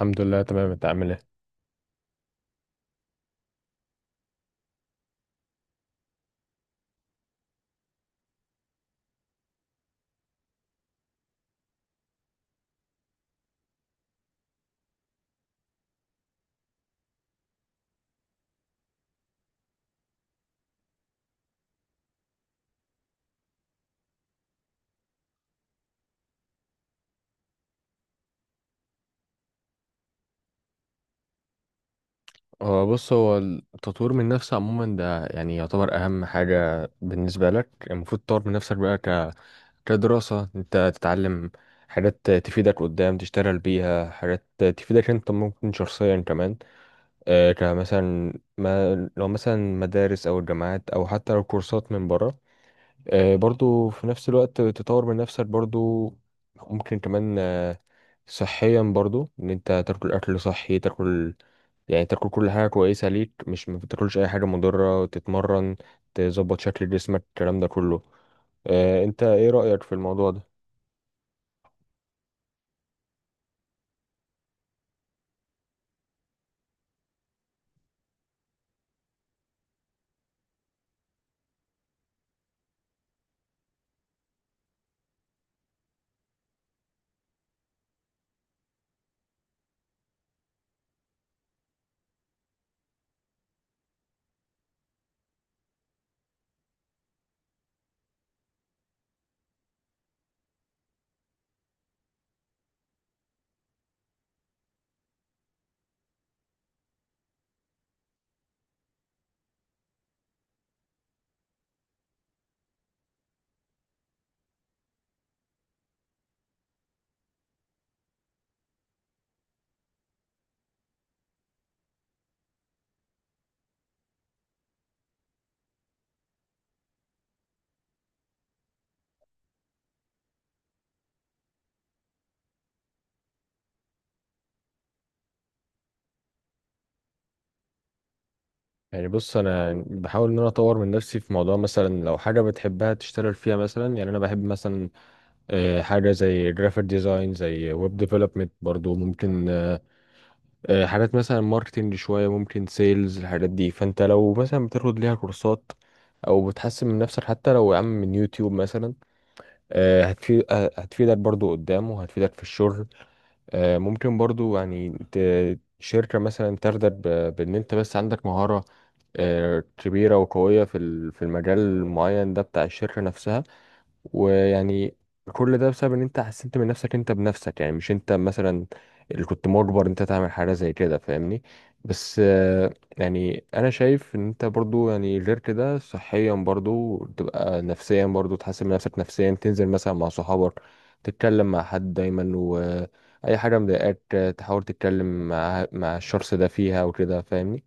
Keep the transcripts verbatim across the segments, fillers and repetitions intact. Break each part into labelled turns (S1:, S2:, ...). S1: الحمد لله تمام. انت عامل ايه؟ هو بص هو التطوير من نفسك عموما ده يعني يعتبر اهم حاجة بالنسبة لك. المفروض تطور من نفسك بقى ك... كدراسة، انت تتعلم حاجات تفيدك قدام تشتغل بيها، حاجات تفيدك انت ممكن شخصيا كمان. آه كمثلا، ما لو مثلا مدارس او الجامعات او حتى لو كورسات من بره. آه، برضو في نفس الوقت تطور من نفسك برضو. ممكن كمان صحيا برضو ان انت تاكل اكل صحي، تاكل يعني تاكل كل حاجه كويسه ليك، مش ما تاكلش اي حاجه مضره، تتمرن، تظبط شكل جسمك، الكلام ده كله. اه، انت ايه رايك في الموضوع ده؟ يعني بص، انا بحاول ان انا اطور من نفسي في موضوع، مثلا لو حاجه بتحبها تشتغل فيها مثلا. يعني انا بحب مثلا، اه، حاجه زي جرافيك ديزاين، زي ويب ديفلوبمنت برضو، ممكن آه، حاجات مثلا ماركتنج شوية، ممكن سيلز، الحاجات دي. فانت لو مثلا بتاخد ليها كورسات او بتحسن من نفسك حتى لو يا عم من يوتيوب مثلا، آه، هتفيد، آه، هتفيدك برضو قدام وهتفيدك في الشغل. آه، ممكن برضو يعني ت- شركة مثلا ترضى ب- بان انت بس عندك مهارة آه، كبيرة وقوية في ال- في المجال المعين ده بتاع الشركة نفسها. ويعني كل ده بسبب ان انت حسنت من نفسك انت بنفسك، يعني مش انت مثلا اللي كنت مجبر انت تعمل حاجه زي كده، فاهمني؟ بس آه، يعني انا شايف ان انت برضو، يعني غير كده صحيا برضو، تبقى نفسيا برضو تحسن من نفسك نفسيا، تنزل مثلا مع صحابك، تتكلم مع حد دايما، واي حاجه مضايقاك آه، تحاول تتكلم مع مع الشخص ده فيها وكده، فاهمني؟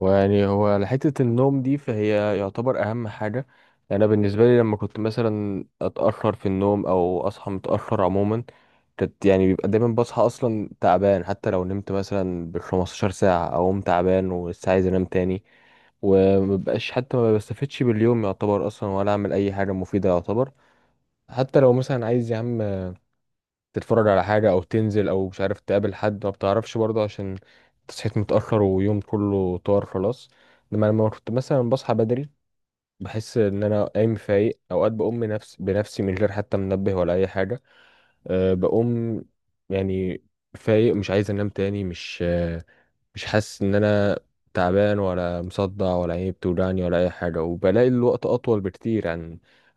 S1: ويعني هو على حتة النوم دي، فهي يعتبر أهم حاجة. يعني أنا بالنسبة لي لما كنت مثلا أتأخر في النوم أو أصحى متأخر عموما، كانت يعني بيبقى دايما بصحى أصلا تعبان. حتى لو نمت مثلا بالخمستاشر ساعة أقوم تعبان ولسه عايز أنام تاني، ومبقاش حتى ما بستفدش باليوم يعتبر أصلا، ولا أعمل أي حاجة مفيدة يعتبر. حتى لو مثلا عايز يا عم تتفرج على حاجة أو تنزل أو مش عارف تقابل حد، ما بتعرفش برضه عشان صحيت متأخر ويوم كله طار خلاص. لما لما كنت مثلا بصحى بدري، بحس إن أنا قايم فايق، أوقات بقوم بنفس بنفسي من غير حتى منبه ولا أي حاجة. أه، بقوم يعني فايق، مش عايز أنام تاني، مش أه مش حاسس إن أنا تعبان ولا مصدع ولا عيني بتوجعني ولا أي حاجة. وبلاقي الوقت أطول بكتير عن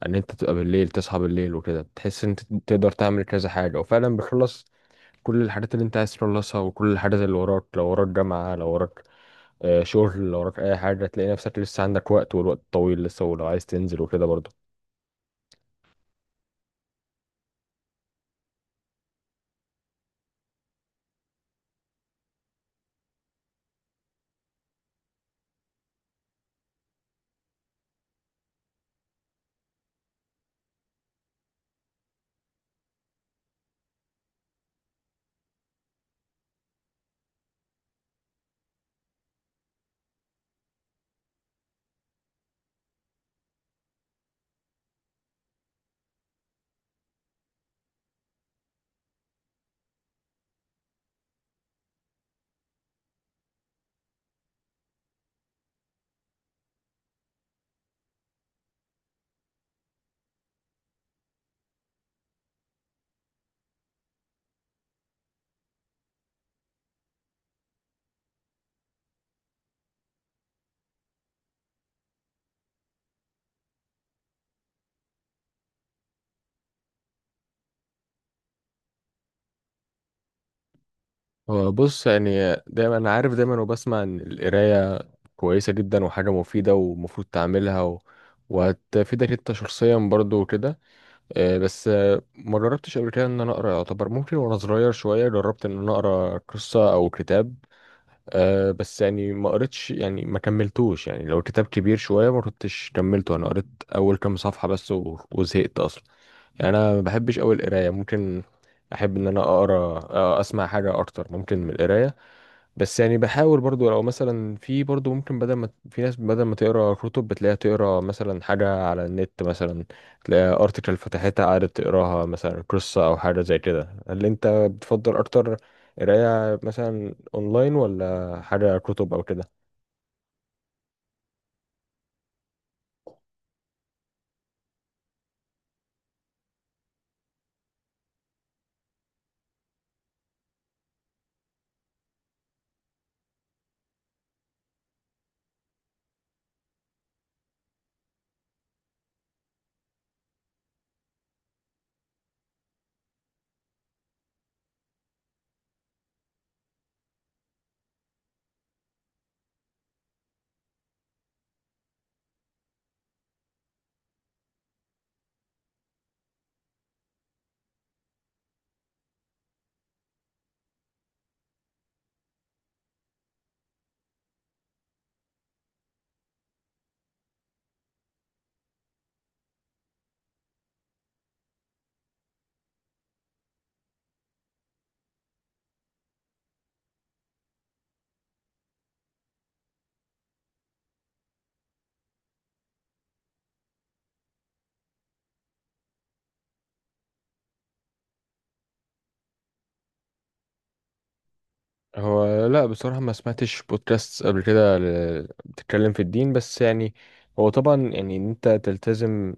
S1: عن ان انت تبقى بالليل تصحى بالليل وكده. بتحس ان انت تقدر تعمل كذا حاجه، وفعلا بتخلص كل الحاجات اللي انت عايز تخلصها، وكل الحاجات اللي وراك. لو وراك جامعة، لو وراك آه، شغل، لو وراك اي حاجة، تلاقي نفسك لسه عندك وقت والوقت طويل لسه، ولو عايز تنزل وكده برضه. هو بص، يعني دايما انا عارف دايما وبسمع ان القراية كويسة جدا وحاجة مفيدة ومفروض تعملها و... وهتفيدك انت شخصيا برضه وكده. آه، بس آه، ما جربتش قبل كده ان انا اقرا يعتبر. ممكن وانا صغير شوية جربت ان انا اقرا قصة او كتاب. أه بس يعني ما قريتش، يعني ما كملتوش، يعني لو الكتاب كبير شوية ما كنتش كملته. أنا قريت أول كام صفحة بس، و- وزهقت أصلا. يعني أنا ما بحبش أوي القراية، ممكن أحب إن أنا أقرأ آه، أسمع حاجة أكتر ممكن من القراية. بس يعني بحاول برضو، لو مثلا في برضو ممكن، بدل ما في ناس بدل ما تقرا كتب بتلاقيها تقرا مثلا حاجة على النت مثلا، تلاقي ارتكل فتحتها قعدت تقراها، مثلا قصة او حاجة زي كده. هل انت بتفضل اكتر قراية مثلا اونلاين ولا حاجة كتب او كده؟ هو لا، بصراحة ما سمعتش بودكاست قبل كده ل- بتتكلم في الدين. بس يعني هو طبعا يعني ان انت تلتزم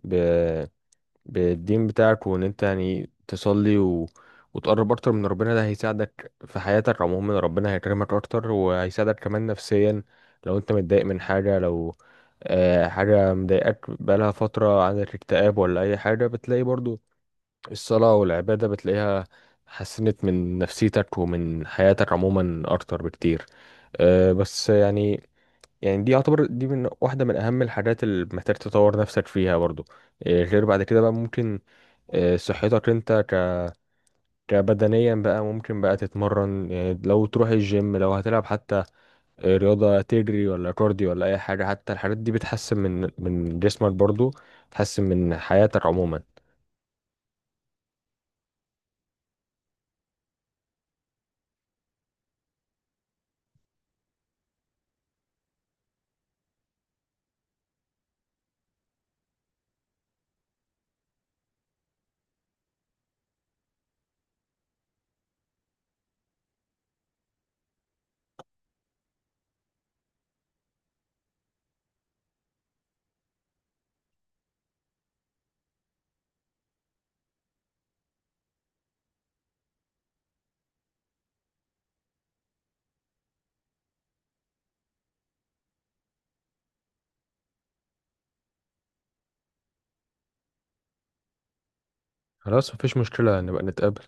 S1: بالدين بتاعك وان انت يعني تصلي و... وتقرب اكتر من ربنا، ده هيساعدك في حياتك عموما. ربنا هيكرمك اكتر وهيساعدك كمان نفسيا. لو انت متضايق من حاجة، لو آه، حاجة مضايقاك بقالها فترة، عندك اكتئاب ولا اي حاجة، بتلاقي برضو الصلاة والعبادة بتلاقيها حسنت من نفسيتك ومن حياتك عموما اكتر بكتير. آه، بس يعني يعني دي يعتبر دي من واحدة من أهم الحاجات اللي محتاج تطور نفسك فيها برضو. آه، غير بعد كده بقى ممكن آه، صحتك انت ك... كبدنيا بقى، ممكن بقى تتمرن، يعني لو تروح الجيم، لو هتلعب حتى آه، رياضة، تجري ولا كارديو ولا اي حاجة، حتى الحاجات دي بتحسن من من جسمك برضو، بتحسن من حياتك عموما. خلاص مفيش مشكلة، نبقى نتقابل.